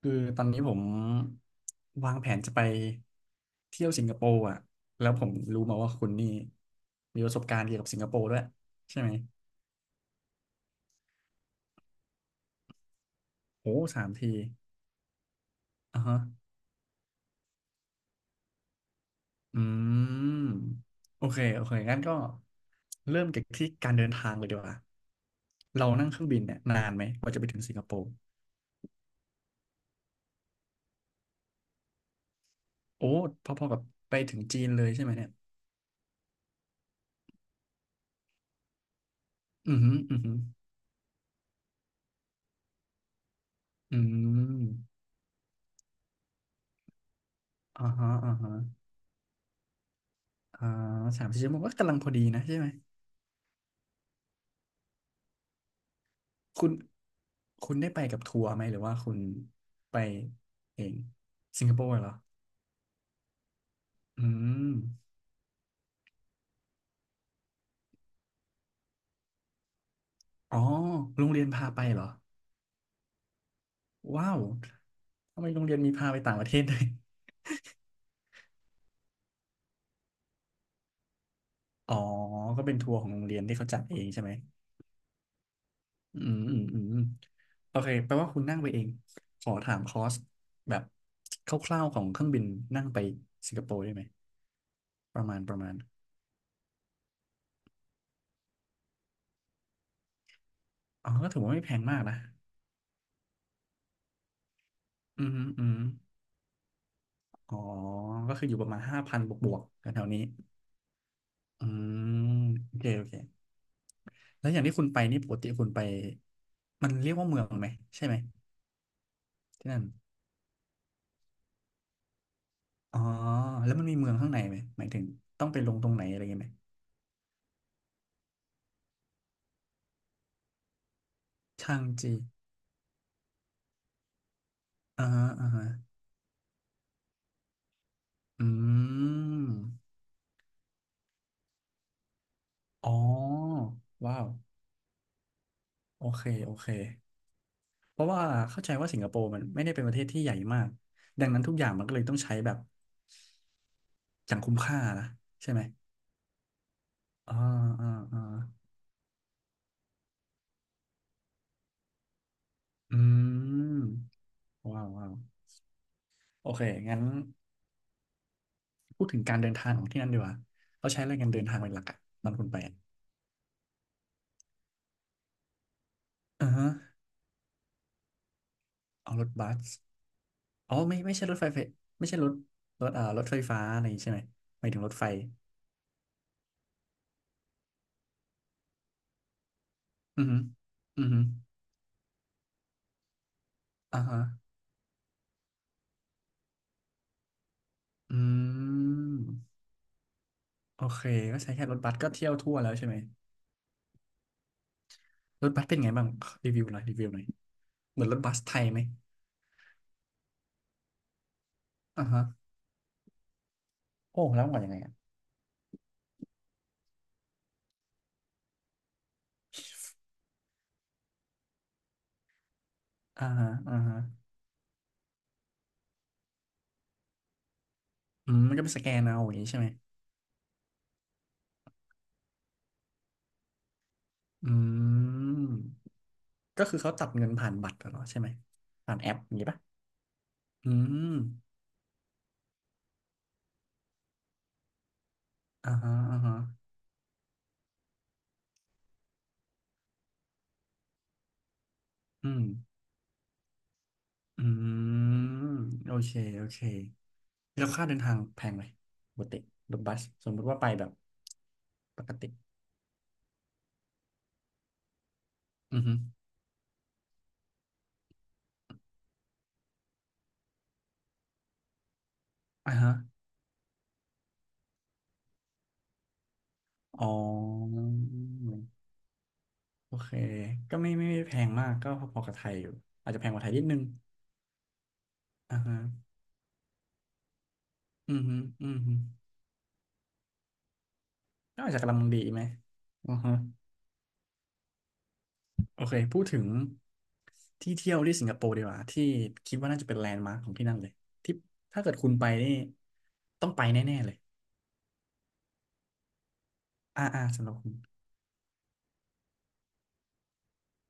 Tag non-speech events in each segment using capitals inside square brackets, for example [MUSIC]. คือตอนนี้ผมวางแผนจะไปเที่ยวสิงคโปร์อ่ะแล้วผมรู้มาว่าคุณนี่มีประสบการณ์เกี่ยวกับสิงคโปร์ด้วยใช่ไหมโอ้สามทีอ่ะฮะอืมโอเคโอเคงั้นก็เริ่มจากที่การเดินทางเลยดีกว่าเรานั่งเครื่องบินเนี่ยนานไหมกว่าจะไปถึงสิงคโปร์โอ้พอๆกับไปถึงจีนเลยใช่ไหมเนี่ยอือหืออือหืออืมอ่าฮะอ่าฮะอ่า3-4 ชั่วโมงก็กำลังพอดีนะใช่ไหม คุณคุณได้ไปกับทัวร์ไหมหรือว่าคุณไปเองสิงคโปร์เหรออืมอ๋อโรงเรียนพาไปเหรอว้าวทำไมโรงเรียนมีพาไปต่างประเทศด้วยอ๋อก็เป็นทัวร์ของโรงเรียนที่เขาจัดเองใช่ไหมอืมอืมอืมโอเคแปลว่าคุณนั่งไปเองขอถามคอสแบบคร่าวๆของเครื่องบินนั่งไปสิงคโปร์ได้ไหมประมาณประมาณอ๋อก็ถือว่าไม่แพงมากนะอืมอืม อ๋อ ก็คืออยู่ประมาณ5,000บวกบวกแถวๆนี้ อืมโอเคโอเค แล้วอย่างที่คุณไปนี่ปกติคุณไปมันเรียกว่าเมืองไหมใช่ไหมที่นั่น อ๋อแล้วมันมีเมืองข้างในไหมหมายถึงต้องไปลงตรงไหนอะไรเงี้ยไหมชางจีอ่าฮะอ่าฮะอืมอ๋อว้าวโอเคโอเค เพราะว่าเข้าใจว่าสิงคโปร์มันไม่ได้เป็นประเทศที่ใหญ่มากดังนั้นทุกอย่างมันก็เลยต้องใช้แบบอย่างคุ้มค่านะใช่ไหมอ่าอ่าอ่า อืมว้าวว้าวโอเคงั้นพูดถึงการเดินทางของที่นั่นดีกว่าเขาใช้อะไรกันเดินทางเป็นหลักอะตอนคุณไปอะอือฮะเอารถบัสอ๋อไม่ไม่ใช่รถไฟไฟไม่ใช่รถรถอ่ารถไฟฟ้าอะไรอย่างงี้ใช่ไหมหมายถึงรถไฟอือฮึอือฮึอ่าฮะอืมโอเคก็ใช้แค่รถบัสก็เที่ยวทั่วแล้วใช่ไหมรถบัสเป็นไงบ้างรีวิวหน่อยรีวิวหน่อยเหมือนรถบัสไทยไหมอ่าฮะโอ้แล้วมันก่อนยังไงอะอ่าฮะอ่าฮะอืมมันก็ไปสแกนเอาอย่างงี้ใช่ไหม อืมก็คือเขาตัดเงินผ่านบัตรเหรอใช่ไหมผ่านแอปอย่างนี้ปะอืมอ่าฮะอ่าฮะอืมอืมโอเคโอเคแล้วค่าเดินทางแพงไหมปกติรถบัสสมมุติว่าไปแบบปกติอือฮึอ่าฮะอ๋อโอเคก็ไม่ไม่ไม่แพงมากก็พอๆกับไทยอยู่อาจจะแพงกว่าไทยนิดนึงอ่าฮะอือฮึอือฮึก็อาจจะกำลังดีไหมอือฮะ โอเคพูดถึงที่เที่ยวที่สิงคโปร์ดีกว่าที่คิดว่าน่าจะเป็นแลนด์มาร์คของที่นั่นเลยที่ถ้าเกิดคุณไปนี่ต้องไปแน่ๆเลยอ่าอ่าสำหรับคุณ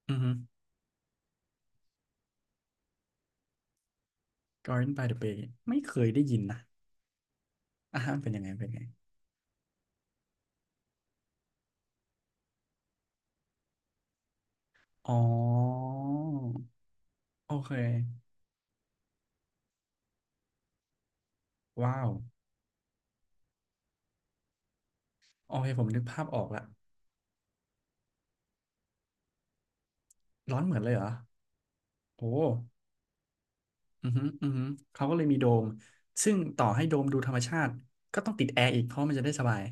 อือฮึ Garden by the Bay ไม่เคยได้ยินนะอ่ามันเป็นยังไงเป็นยังไงอ๋อโอเคว้าวโอเคผมนึกภาพออกละร้อนเหมือนเลยเหรอโอ้อือฮึอือฮึเขาก็เลยมีโดมซึ่งต่อให้โดมดูธรรมชาติก็ต้องติดแอร์อีกเพราะมันจะได้สบาย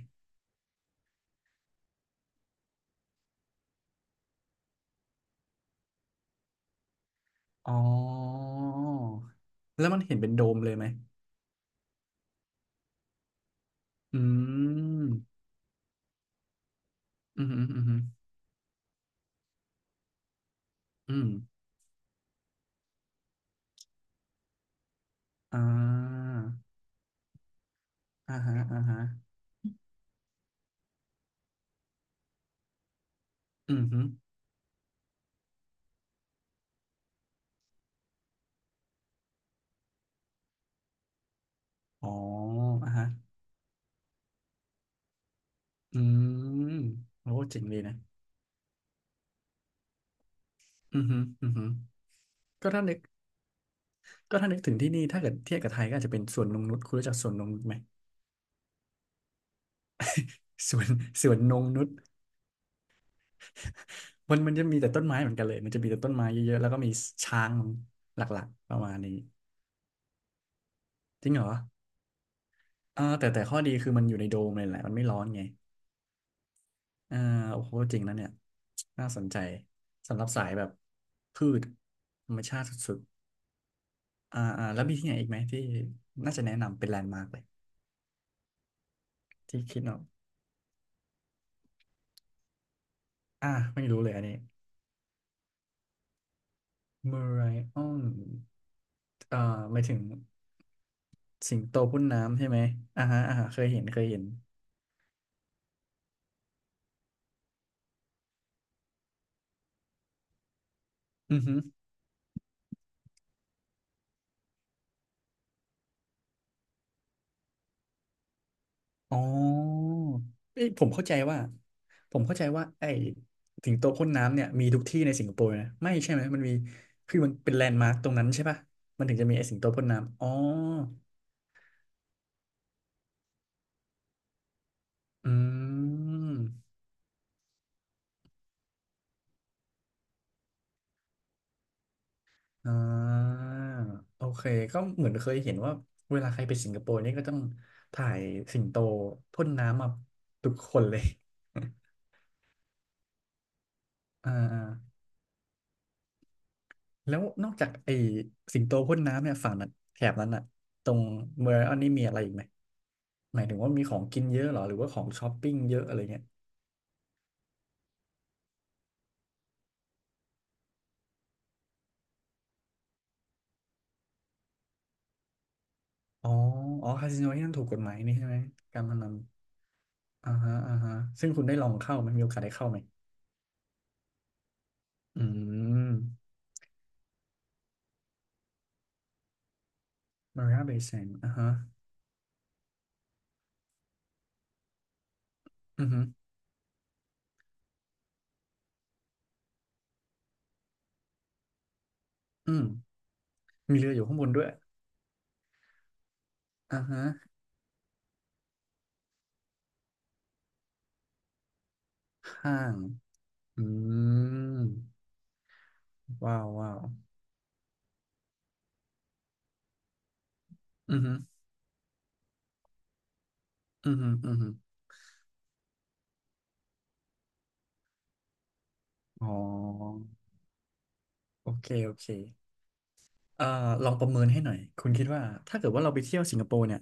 อ๋อแล้วมันเห็นเป็นโดมเลยไหมอืมอืมอืมอืมอืมอ่าอ่าฮะอ่าฮะอืมฮึอ๋ออ่าฮะอืมโอ้เจ๋งดีนะอืมฮึอืมฮึก็ถ้านึกก็ถ้านึกถึงที่นี่ถ้าเกิดเทียบกับไทยก็อาจจะเป็นสวนนงนุชคุณรู้จักสวนนงนุชไหมสวนสวนนงนุช [LAUGHS] มันมันจะมีแต่ต้นไม้เหมือนกันเลยมันจะมีแต่ต้นไม้เยอะๆแล้วก็มีช้างหลักๆประมาณนี้จริงเหรอ เออแต่แต่ข้อดีคือมันอยู่ในโดมเลยแหละมันไม่ร้อนไงอ่าโอ้โหจริงนะเนี่ยน่าสนใจสำหรับสายแบบพืชธรรมชาติสุดๆอ่าอ่าแล้วมีที่ไหนอีกไหมที่น่าจะแนะนำเป็นแลนด์มาร์กเลยที่คิดเนาะอ่าไม่รู้เลยอันนี้เมอไรออนเอ่อหมายถึงสิงโตพ่นน้ำใช่ไหมอ่าฮะอ่าฮะเคยเห็นเคยเห็นอือฮึ อ๋อเอ้ยผมเข้าใจว่าไอ้สิงโตพ่นน้ำเนี่ยมีทุกที่ในสิงคโปร์นะไม่ใช่ไหมมันมีคือมันเป็นแลนด์มาร์คตรงนั้นใช่ปะมันถึงจะมีไอ้สิงโตพ่นน้ำอ๋ออืมอ่าโอเคก็เหมือนเคยเห็นว่าเวลาใครไปสิงคโปร์นี่ก็ต้องถ่ายสิงโตพ่นน้ำมาทุกคนเลย [LAUGHS] อ่า แล้วนอกจากไอ้สิงโตพ่นน้ำเนี่ยฝั่งนั้นแถบนั้นอะตรงเมืองอันนี้มีอะไรอีกไหมหมายถึงว่ามีของกินเยอะเหรอหรือว่าของช้อปปิ้งเยอะอะไรเงี้ยอ๋ออ๋อคาสิโนที่นั่นถูกกฎหมายนี่ใช่ไหมการพนันอ่าฮะอ่าฮะซึ่งคุณได้ลองเข้าไหมมีโอกาสได้เข้าไหมอืมมาริอาเบย์แซนอ่าฮะอือฮึอืมมีเรืออยู่ข้างบนด้วยอ่าฮะห้างอืมว้าวว้าวอือฮึอือฮึอือฮึอ๋อโอเคโอเค เอ่อลองประเมินให้หน่อยคุณคิดว่าถ้าเกิดว่าเราไปเที่ยวสิงคโปร์เนี่ย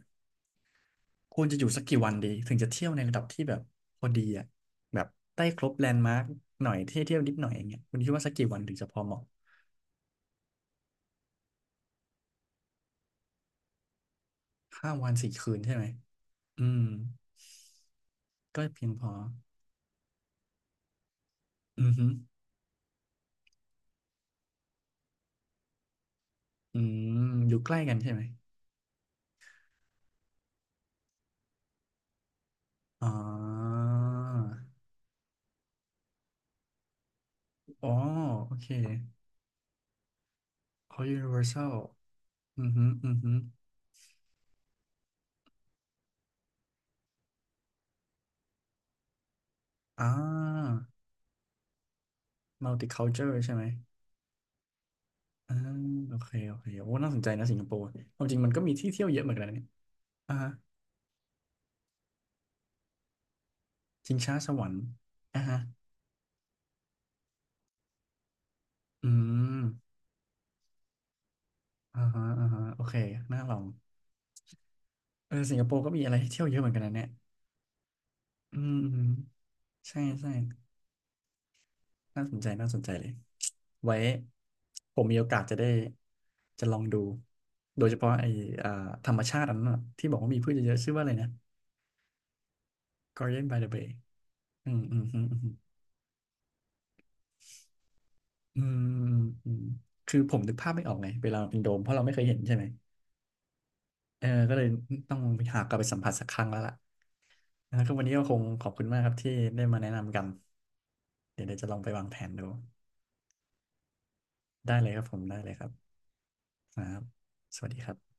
ควรจะอยู่สักกี่วันดีถึงจะเที่ยวในระดับที่แบบพอดีอ่ะแบบได้ครบแลนด์มาร์กหน่อยเที่ยวเที่ยวนิดหน่อยอย่างเงี้ยคุณคิดว่าสักกี่วันถึงจะพอเหมาะ5 วัน 4 คืนใช่ไหมอืมก็เพียงพออือฮึอืมอยู่ใกล้กันใช่ไหมอ๋ออ๋อโอเคเขา Universal อือฮึอือฮึอ่า Multicultural ใช่ไหม อ่าโอเคโอเคโอ้น่าสนใจนะสิงคโปร์ความจริงมันก็มีที่เที่ยวเยอะเหมือนกันนะเนี่ยอ่าฮะชิงช้าสวรรค์อ่าฮะอืมอ่าฮะอ่าฮะโอเคน่าลองเออสิงคโปร์ก็มีอะไรให้เที่ยวเยอะเหมือนกันนะเนี่ยอืมอืมใช่ใช่น่าสนใจน่าสนใจเลยไว้ผมมีโอกาสจะได้จะลองดูโดยเฉพาะไอ้อ่าธรรมชาติอันนั้นน่ะที่บอกว่ามีพืชเยอะๆชื่อว่าอะไรนะ Garden by the Bay อืมอืมอืมอืมอืมอืมอืมคือผมนึกภาพไม่ออกไงเวลาเราเป็นโดมเพราะเราไม่เคยเห็นใช่ไหม เออก็เลยต้องหากลับไปสัมผัสสักครั้งแล้วล่ะแล้วก็วันนี้ก็คงขอบคุณมากครับที่ได้มาแนะนำกัน เดี๋ยวเดี๋ยวจะลองไปวางแผนดูได้เลยครับผมได้เลยครับครับสวัสดีครับ